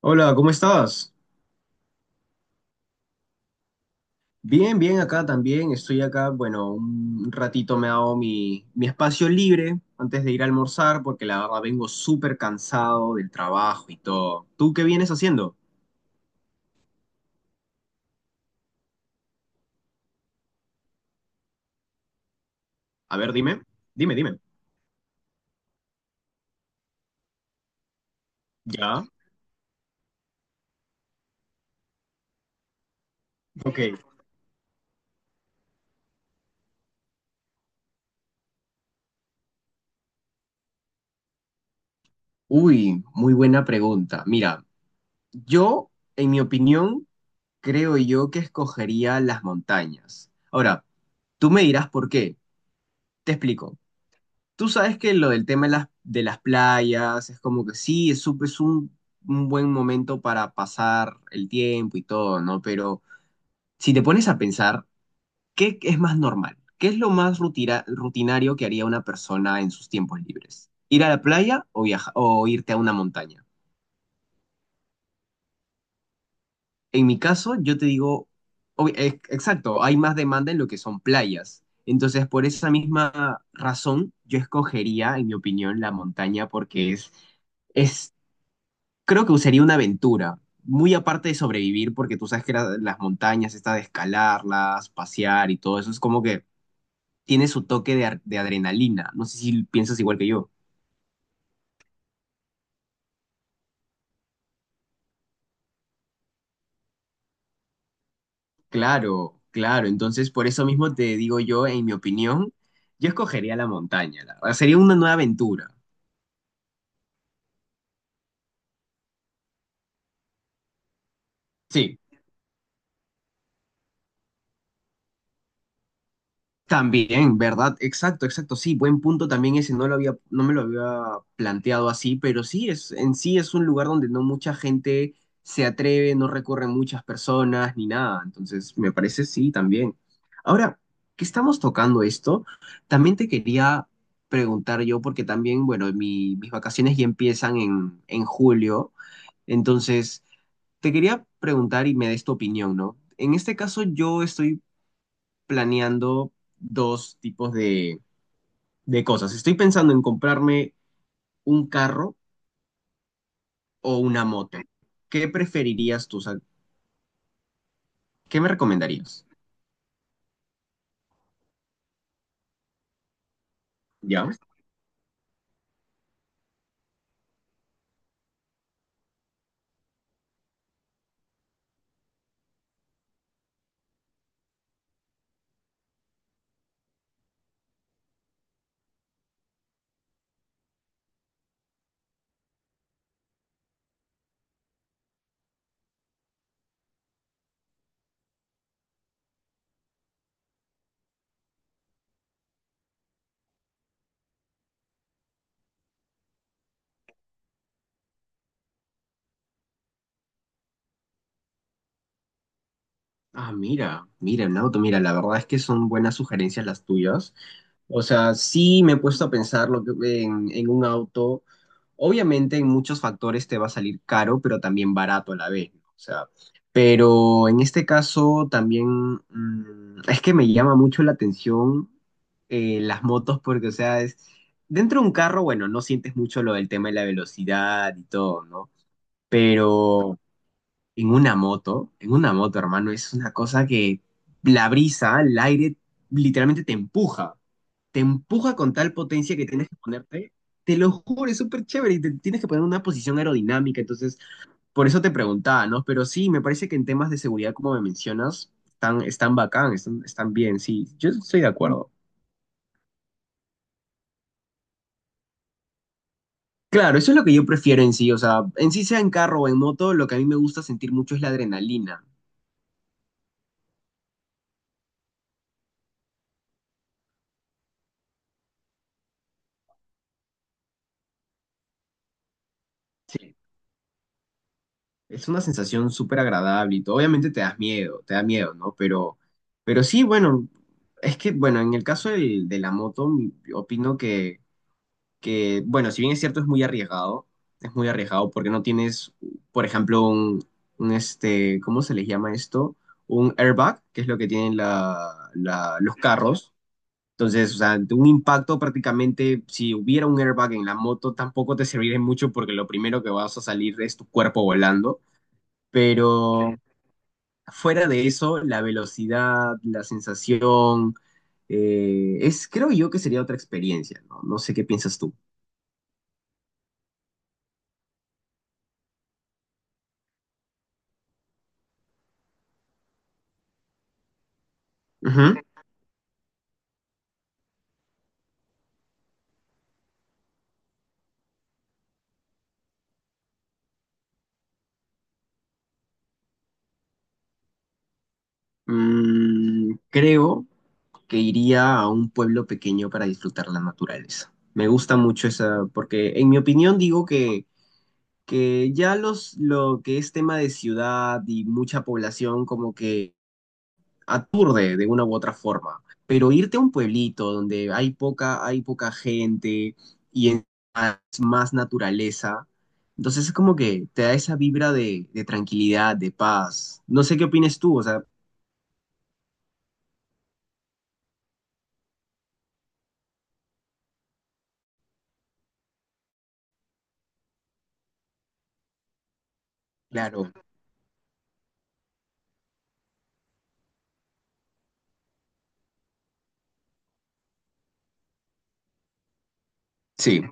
Hola, ¿cómo estás? Bien, bien, acá también. Estoy acá, bueno, un ratito me he dado mi espacio libre antes de ir a almorzar porque la verdad vengo súper cansado del trabajo y todo. ¿Tú qué vienes haciendo? A ver, dime, dime, dime. ¿Ya? Ok. Uy, muy buena pregunta. Mira, yo, en mi opinión, creo yo que escogería las montañas. Ahora, tú me dirás por qué. Te explico. Tú sabes que lo del tema de las playas es como que sí, es, es un buen momento para pasar el tiempo y todo, ¿no? Pero si te pones a pensar, ¿qué es más normal? ¿Qué es lo más rutinario que haría una persona en sus tiempos libres? ¿Ir a la playa o o irte a una montaña? En mi caso, yo te digo, exacto, hay más demanda en lo que son playas. Entonces, por esa misma razón, yo escogería, en mi opinión, la montaña porque es creo que sería una aventura, muy aparte de sobrevivir, porque tú sabes que las montañas, esta de escalarlas, pasear y todo eso, es como que tiene su toque de, de adrenalina. No sé si piensas igual que yo. Claro, claro. Entonces, por eso mismo te digo yo, en mi opinión, yo escogería la montaña. La verdad. Sería una nueva aventura. Sí. También, ¿verdad? Exacto, exacto. Sí, buen punto también ese. No lo había, no me lo había planteado así, pero sí, es, en sí es un lugar donde no mucha gente se atreve, no recorren muchas personas ni nada. Entonces, me parece sí también. Ahora, que estamos tocando esto, también te quería preguntar yo, porque también, bueno, mis vacaciones ya empiezan en julio. Entonces, te quería preguntar y me des tu opinión, ¿no? En este caso, yo estoy planeando dos tipos de cosas. Estoy pensando en comprarme un carro o una moto. ¿Qué preferirías tú? O sea, ¿qué me recomendarías? ¿Ya? Ah, mira, mira, Nauto, mira, la verdad es que son buenas sugerencias las tuyas. O sea, sí me he puesto a pensar lo que, en un auto. Obviamente en muchos factores te va a salir caro, pero también barato a la vez, ¿no? O sea, pero en este caso también es que me llama mucho la atención las motos porque, o sea, es, dentro de un carro, bueno, no sientes mucho lo del tema de la velocidad y todo, ¿no? Pero en una moto, hermano, es una cosa que la brisa, el aire, literalmente te empuja con tal potencia que tienes que ponerte. Te lo juro, es súper chévere y te tienes que poner en una posición aerodinámica. Entonces, por eso te preguntaba, ¿no? Pero sí, me parece que en temas de seguridad, como me mencionas, están, están bacán, están, están bien, sí. Yo estoy de acuerdo. Claro, eso es lo que yo prefiero en sí. O sea, en sí sea en carro o en moto, lo que a mí me gusta sentir mucho es la adrenalina. Sí. Es una sensación súper agradable y todo. Obviamente te das miedo, te da miedo, ¿no? Pero sí, bueno, es que, bueno, en el caso de la moto, opino que, bueno, si bien es cierto, es muy arriesgado porque no tienes, por ejemplo, este, ¿cómo se les llama esto? Un airbag, que es lo que tienen los carros. Entonces, o sea, ante un impacto prácticamente, si hubiera un airbag en la moto, tampoco te serviría mucho porque lo primero que vas a salir es tu cuerpo volando. Pero fuera de eso, la velocidad, la sensación, es, creo yo que sería otra experiencia, ¿no? No sé qué piensas tú. Ujú. Mm, creo que iría a un pueblo pequeño para disfrutar la naturaleza. Me gusta mucho esa, porque en mi opinión digo que ya los, lo que es tema de ciudad y mucha población como que aturde de una u otra forma. Pero irte a un pueblito donde hay poca gente y es más, más naturaleza, entonces es como que te da esa vibra de tranquilidad, de paz. No sé qué opinas tú, o sea, claro, sí.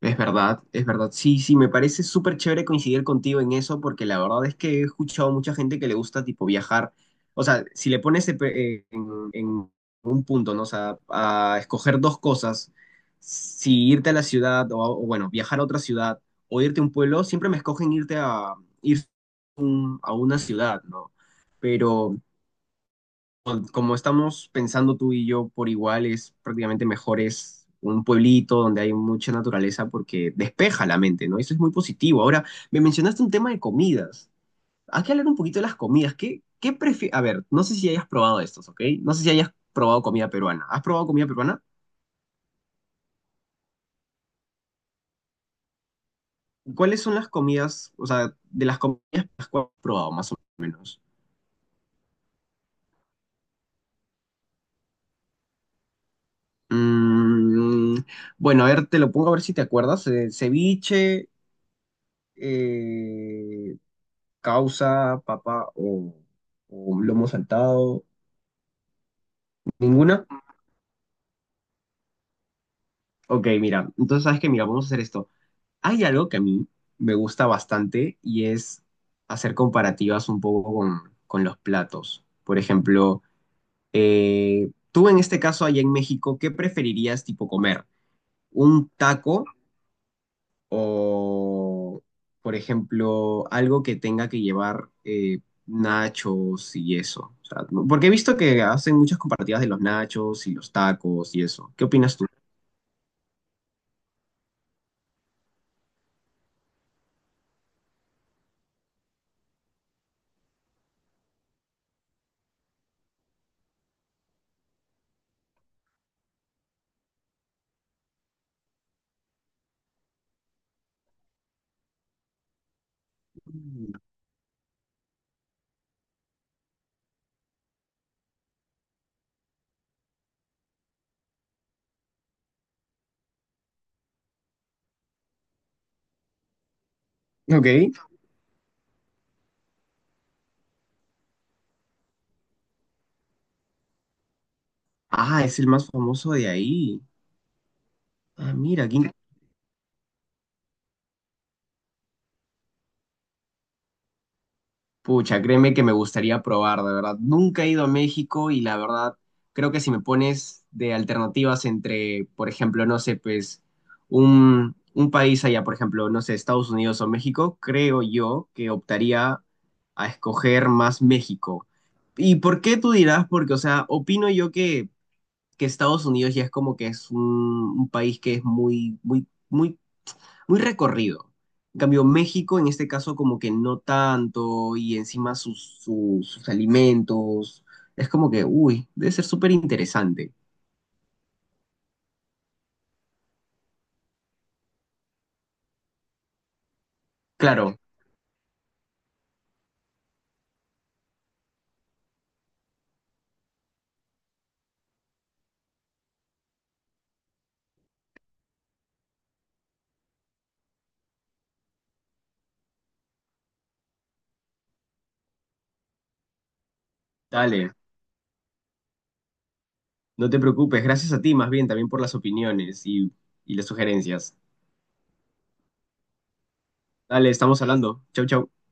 Es verdad, es verdad. Sí, sí, me parece súper chévere coincidir contigo en eso, porque la verdad es que he escuchado mucha gente que le gusta tipo viajar. O sea, si le pones en, en un punto, ¿no? O sea, a escoger dos cosas, si irte a la ciudad o, bueno, viajar a otra ciudad o irte a un pueblo, siempre me escogen irte a ir a una ciudad, ¿no? Pero como estamos pensando tú y yo por igual, es prácticamente mejor es un pueblito donde hay mucha naturaleza porque despeja la mente, ¿no? Eso es muy positivo. Ahora, me mencionaste un tema de comidas. Hay que hablar un poquito de las comidas. ¿Qué, a ver, no sé si hayas probado estos, ¿ok? No sé si hayas probado comida peruana. ¿Has probado comida peruana? ¿Cuáles son las comidas, o sea, de las comidas las que has probado, más o menos? Mm, bueno, a ver, te lo pongo a ver si te acuerdas. Ceviche, eh, causa, papa o lomo saltado. ¿Ninguna? Ok, mira, entonces sabes que, mira, vamos a hacer esto. Hay algo que a mí me gusta bastante y es hacer comparativas un poco con los platos. Por ejemplo, tú en este caso allá en México, ¿qué preferirías tipo comer? ¿Un taco? O, por ejemplo, algo que tenga que llevar nachos y eso. O sea, porque he visto que hacen muchas comparativas de los nachos y los tacos y eso. ¿Qué opinas tú? Mm. Ok. Ah, es el más famoso de ahí. Ah, mira, aquí. Pucha, créeme que me gustaría probar, de verdad. Nunca he ido a México y la verdad, creo que si me pones de alternativas entre, por ejemplo, no sé, pues un país allá, por ejemplo, no sé, Estados Unidos o México, creo yo que optaría a escoger más México. ¿Y por qué tú dirás? Porque, o sea, opino yo que Estados Unidos ya es como que es un país que es muy, muy, muy recorrido. En cambio, México en este caso como que no tanto y encima sus, sus, sus alimentos. Es como que, uy, debe ser súper interesante. Claro, dale, no te preocupes. Gracias a ti más bien también por las opiniones y las sugerencias. Dale, estamos hablando. Chau, chau.